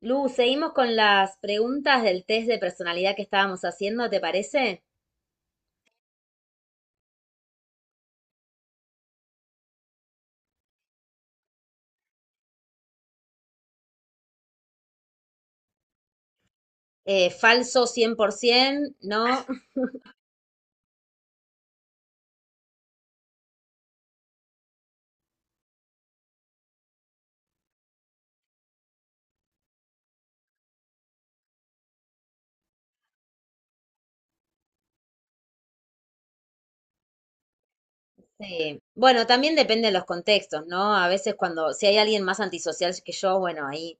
Lu, seguimos con las preguntas del test de personalidad que estábamos haciendo, ¿te parece? Falso 100%, ¿no? Sí. Bueno, también depende de los contextos, ¿no? A veces cuando, si hay alguien más antisocial que yo, bueno, ahí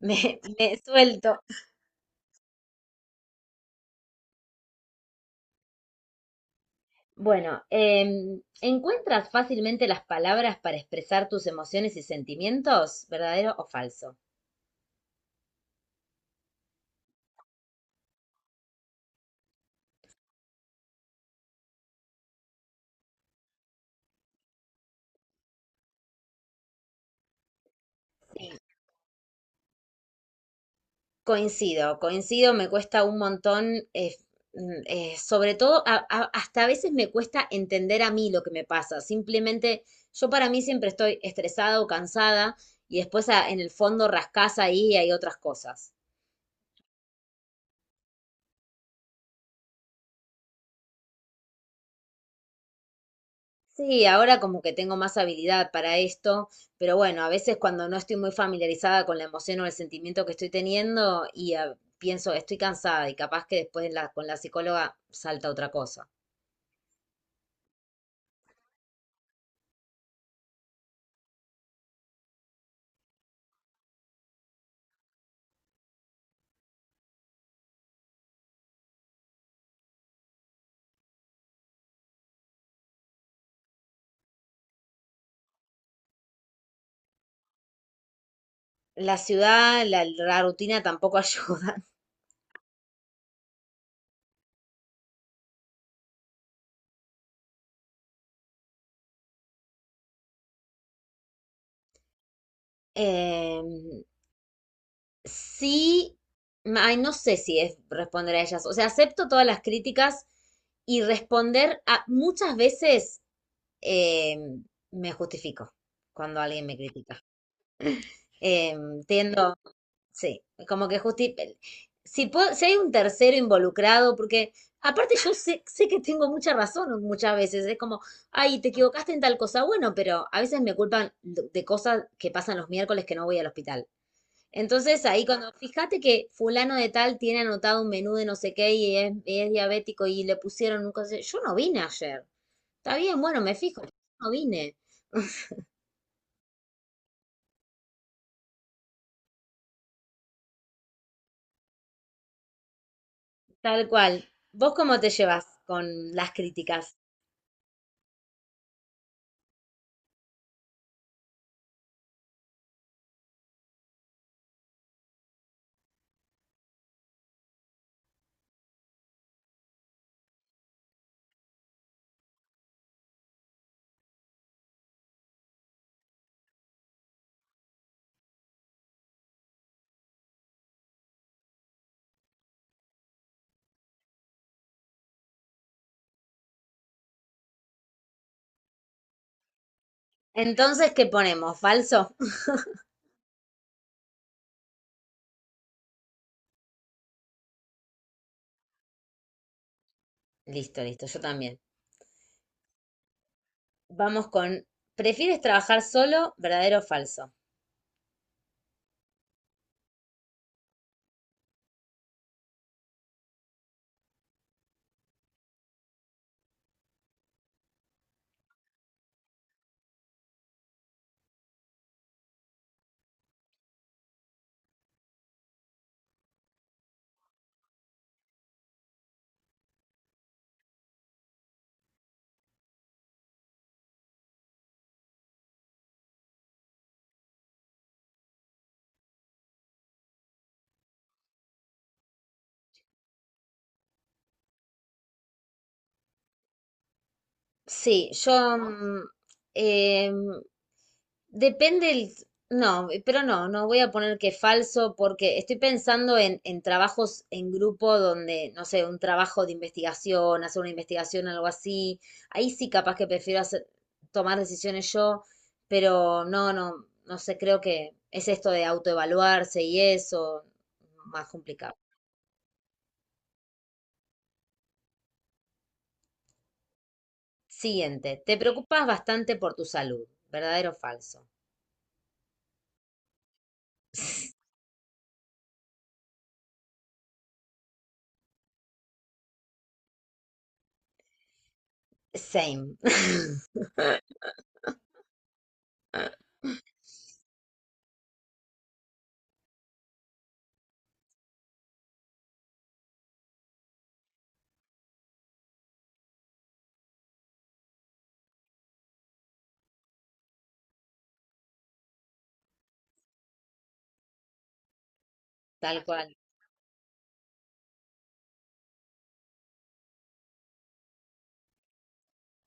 me suelto. Bueno, ¿encuentras fácilmente las palabras para expresar tus emociones y sentimientos? ¿Verdadero o falso? Sí, coincido, coincido, me cuesta un montón, sobre todo, hasta a veces me cuesta entender a mí lo que me pasa. Simplemente, yo para mí siempre estoy estresada o cansada y después en el fondo rascás ahí y hay otras cosas. Sí, ahora como que tengo más habilidad para esto, pero bueno, a veces cuando no estoy muy familiarizada con la emoción o el sentimiento que estoy teniendo y ah, pienso, estoy cansada y capaz que después con la psicóloga salta otra cosa. La ciudad, la rutina tampoco ayuda. Eh, sí, ay, no sé si es responder a ellas. O sea, acepto todas las críticas y responder a muchas veces eh, me justifico cuando alguien me critica. Eh, tiendo, Sí, como que justi... Si, si hay un tercero involucrado, porque aparte yo sé, sé que tengo mucha razón muchas veces, es como, ay, te equivocaste en tal cosa, bueno, pero a veces me culpan de cosas que pasan los miércoles que no voy al hospital. Entonces ahí cuando, fíjate que fulano de tal tiene anotado un menú de no sé qué y es diabético y le pusieron un cosa, yo no vine ayer, está bien, bueno, me fijo, pero yo no vine, tal cual. ¿Vos cómo te llevas con las críticas? Entonces, ¿qué ponemos? ¿Falso? Listo, listo, yo también. Vamos con, ¿prefieres trabajar solo, verdadero o falso? Sí, em, depende el... No, pero no, no voy a poner que falso porque estoy pensando en trabajos en grupo donde, no sé, un trabajo de investigación, hacer una investigación, algo así. Ahí sí capaz que tomar decisiones yo, pero no, no, no sé, creo que es esto de autoevaluarse y eso, más complicado. Siguiente. Te preocupas bastante por tu salud. ¿Verdadero o falso? Same. Tal cual.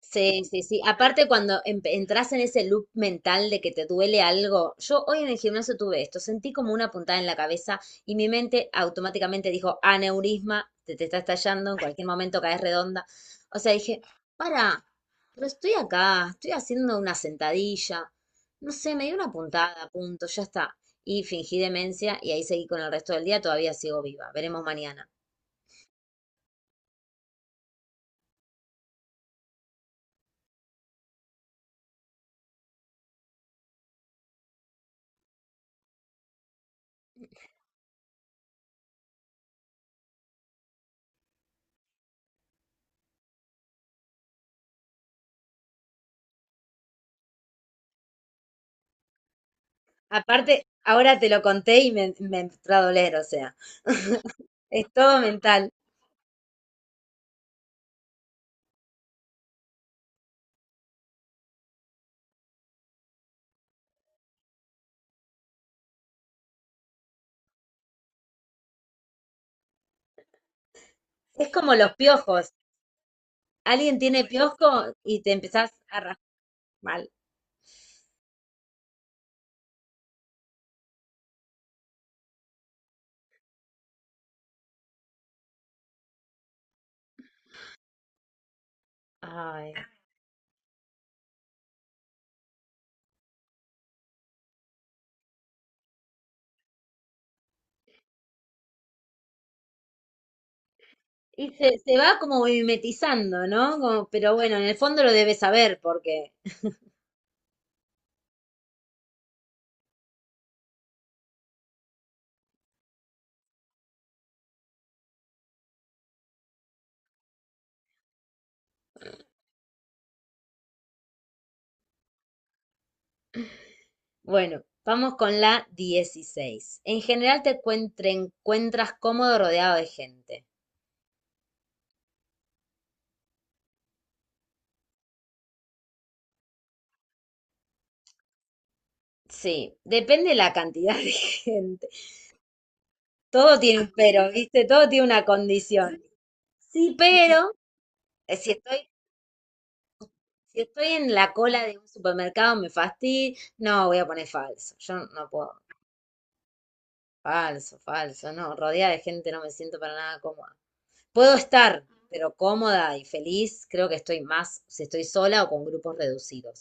Sí, sí, sí. Aparte, cuando entras en ese loop mental de que te duele algo, yo hoy en el gimnasio tuve esto, sentí como una puntada en la cabeza y mi mente automáticamente dijo, aneurisma, te está estallando, en cualquier momento caes redonda. O sea, dije, para, pero estoy acá, estoy haciendo una sentadilla, no sé, me dio una puntada, punto, ya está. Y fingí demencia y ahí seguí con el resto del día, todavía sigo viva, veremos mañana. Aparte, ahora te lo conté y me entró a doler, o sea. Es todo mental. Es como los piojos. Alguien tiene piojo y te empezás a rascar mal. Ay. Y se va como mimetizando, ¿no? Como- pero bueno, en el fondo lo debes saber porque, bueno, vamos con la 16. En general te encuentras cómodo rodeado de gente. Sí, depende la cantidad de gente. Todo tiene un pero, ¿viste? Todo tiene una condición. Sí, pero eh, si estoy si estoy en la cola de un supermercado, me fastidio. No, voy a poner falso. Yo no puedo. Falso, falso. No, rodeada de gente no me siento para nada cómoda. Puedo estar, pero cómoda y feliz, creo que estoy más si estoy sola o con grupos reducidos.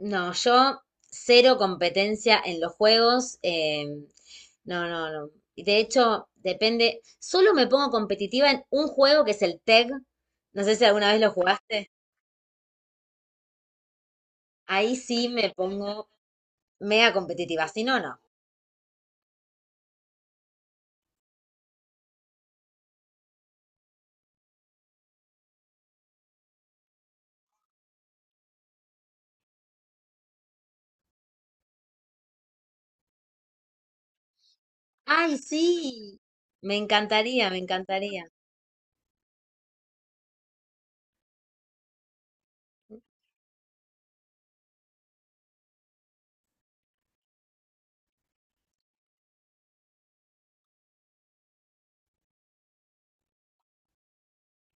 No, yo cero competencia en los juegos. Em, no, no, no. Y de hecho, depende. Solo me pongo competitiva en un juego que es el tag. No sé si alguna vez lo jugaste. Ahí sí me pongo mega competitiva, si no, no. ¡Ay, sí! Me encantaría, me encantaría.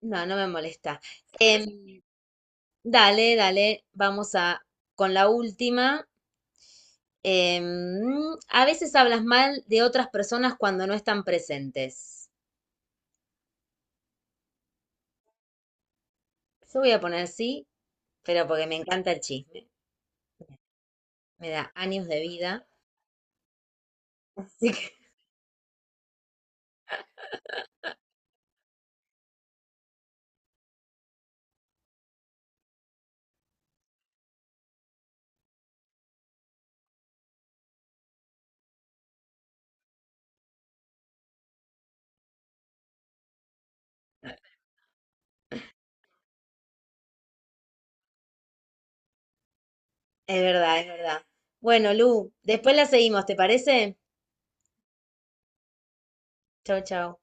No, no me molesta. Em, Dale, dale, vamos a con la última. Em, a veces hablas mal de otras personas cuando no están presentes. Yo voy a poner sí, pero porque me encanta el chisme. Me da años de vida. Así que es verdad, es verdad. Bueno, Lu, después la seguimos, ¿te parece? Chau, chau.